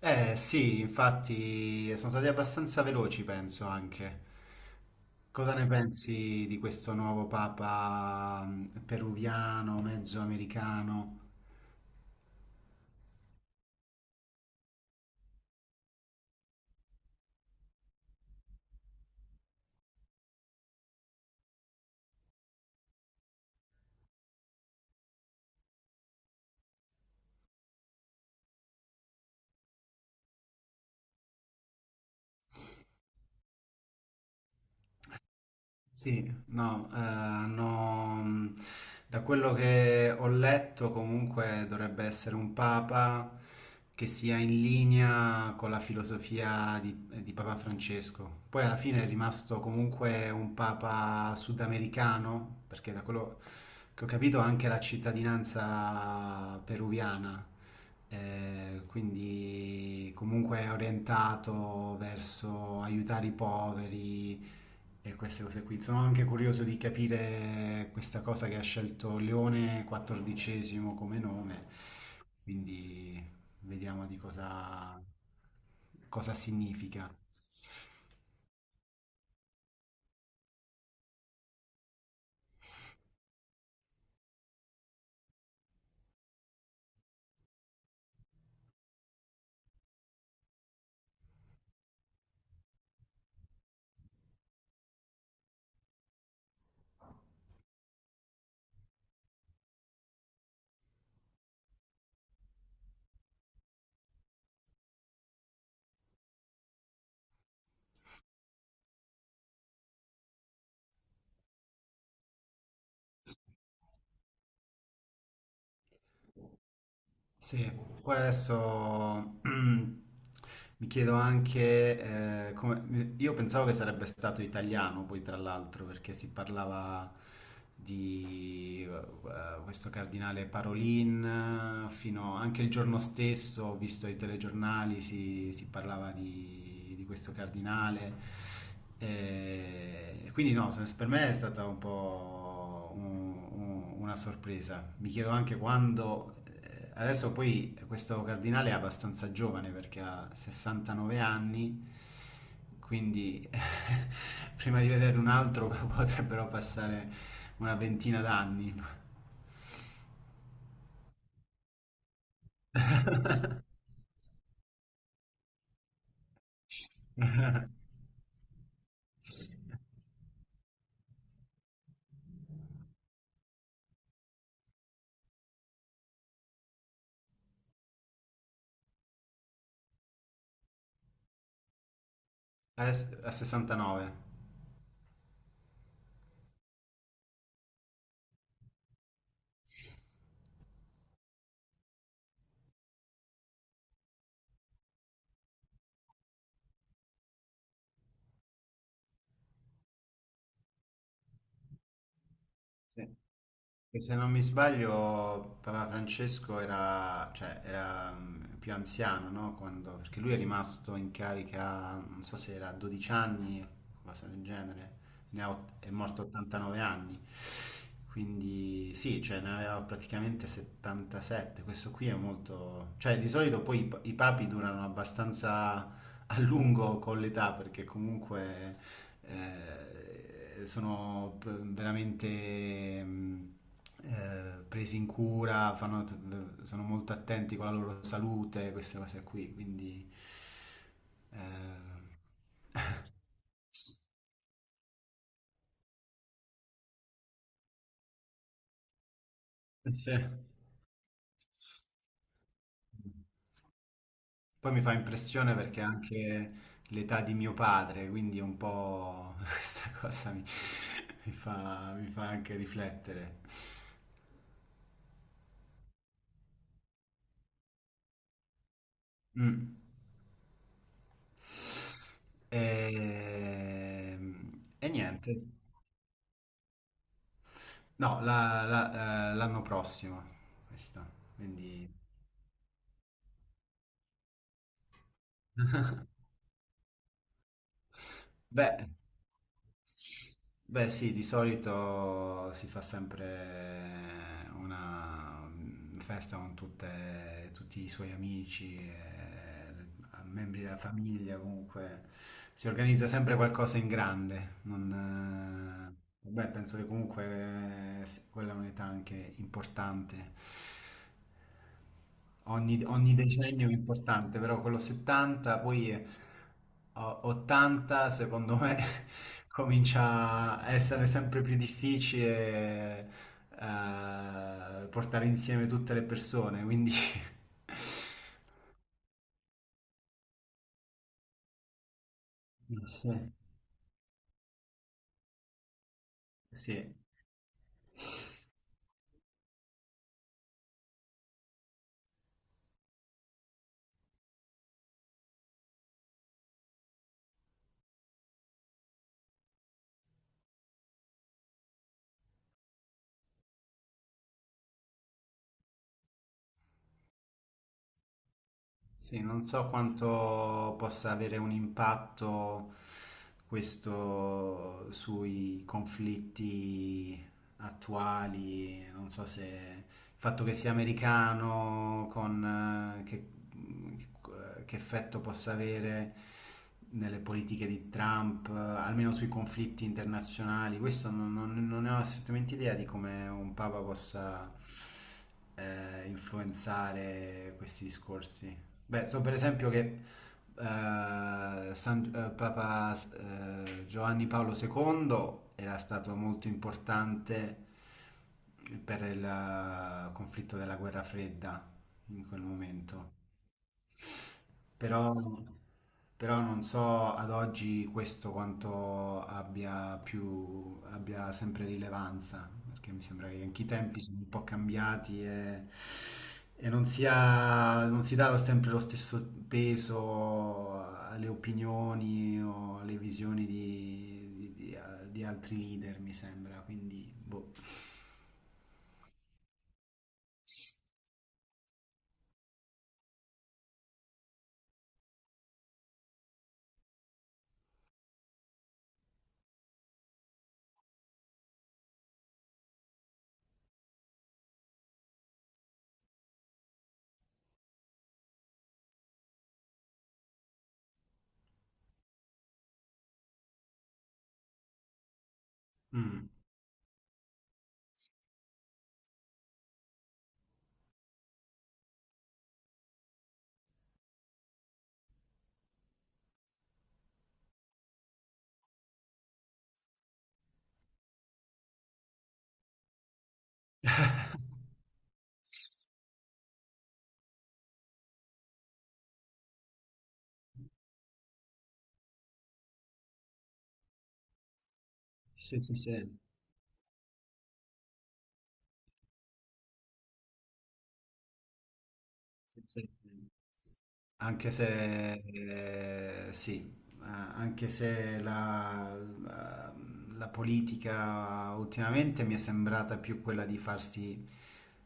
Eh sì, infatti sono stati abbastanza veloci, penso anche. Cosa ne pensi di questo nuovo papa peruviano, mezzo americano? Sì, no, da quello che ho letto comunque dovrebbe essere un papa che sia in linea con la filosofia di Papa Francesco. Poi alla fine è rimasto comunque un papa sudamericano, perché da quello che ho capito ha anche la cittadinanza peruviana, quindi comunque è orientato verso aiutare i poveri e queste cose qui. Sono anche curioso di capire questa cosa che ha scelto Leone XIV come nome, quindi vediamo di cosa significa. Sì, poi adesso mi chiedo anche, io pensavo che sarebbe stato italiano poi tra l'altro perché si parlava di questo cardinale Parolin, fino anche il giorno stesso ho visto i telegiornali, si parlava di questo cardinale. E quindi no, per me è stata un po' una sorpresa. Mi chiedo anche quando... Adesso poi questo cardinale è abbastanza giovane perché ha 69 anni, quindi prima di vedere un altro potrebbero passare una ventina d'anni. A 69. Sì. E se non mi sbaglio, Papa Francesco era, cioè, era più anziano, no? Perché lui è rimasto in carica, non so se era a 12 anni, cosa del genere, è morto a 89 anni, quindi sì, cioè, ne aveva praticamente 77, questo qui è molto. Cioè di solito poi i papi durano abbastanza a lungo con l'età perché comunque sono veramente presi in cura, sono molto attenti con la loro salute, queste cose qui, quindi eh, cioè, poi mi fa impressione perché anche l'età di mio padre, quindi un po' questa cosa mi fa anche riflettere. Mm. E, e niente, no, l'anno prossimo, questa, quindi. Beh. Beh sì, di solito si fa sempre una festa con tutti i suoi amici, e membri della famiglia, comunque si organizza sempre qualcosa in grande. Non, Beh, penso che comunque sì, quella è un'età anche importante. Ogni decennio è importante, però quello 70, poi 80 secondo me comincia a essere sempre più difficile portare insieme tutte le persone, quindi sì, sì. Sì, non so quanto possa avere un impatto questo sui conflitti attuali, non so se il fatto che sia americano, che effetto possa avere nelle politiche di Trump, almeno sui conflitti internazionali, questo non ne ho assolutamente idea di come un papa possa influenzare questi discorsi. Beh, so per esempio che Papa Giovanni Paolo II era stato molto importante per il conflitto della guerra fredda in quel momento. Però, però non so ad oggi questo quanto abbia più, abbia sempre rilevanza, perché mi sembra che anche i tempi sono un po' cambiati e non si dà sempre lo stesso peso alle opinioni o alle visioni di altri leader, mi sembra, quindi boh. Mm. Sì, sì, sì. Sì, sì. Anche se, sì, anche se la politica ultimamente mi è sembrata più quella di farsi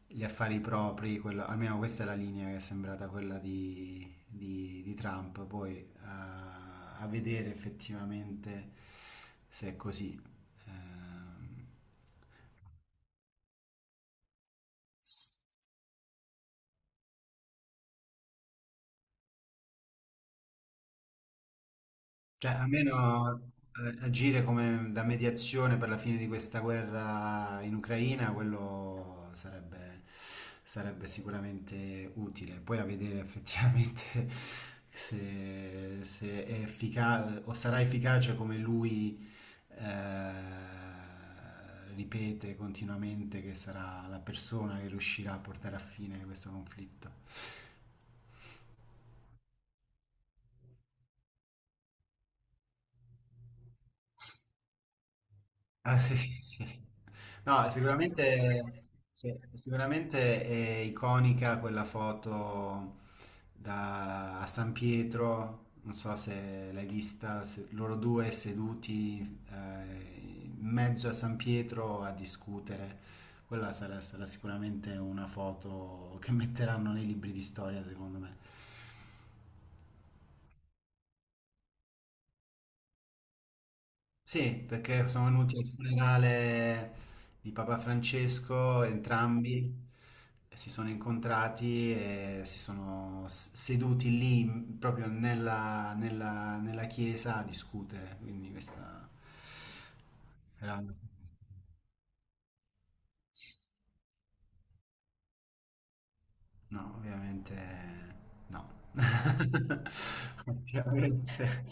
gli affari propri, almeno questa è la linea che è sembrata quella di Trump, poi a vedere effettivamente se è così. Ehm, Cioè, almeno agire come da mediazione per la fine di questa guerra in Ucraina, quello sarebbe sicuramente utile. Poi a vedere effettivamente se è efficace o sarà efficace come lui eh, ripete continuamente che sarà la persona che riuscirà a portare a fine questo conflitto. Ah, sì, sì, sì. Sì. No, sicuramente, sì, sicuramente è iconica quella foto a San Pietro, non so se l'hai vista, loro due seduti eh, in mezzo a San Pietro a discutere. Quella sarà sicuramente una foto che metteranno nei libri di storia, secondo me. Sì, perché sono venuti al funerale di Papa Francesco, entrambi e si sono incontrati e si sono seduti lì, proprio nella chiesa a discutere. Quindi questa era. No, ovviamente no. Ovviamente.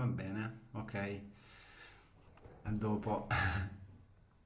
Va bene, ok. A dopo.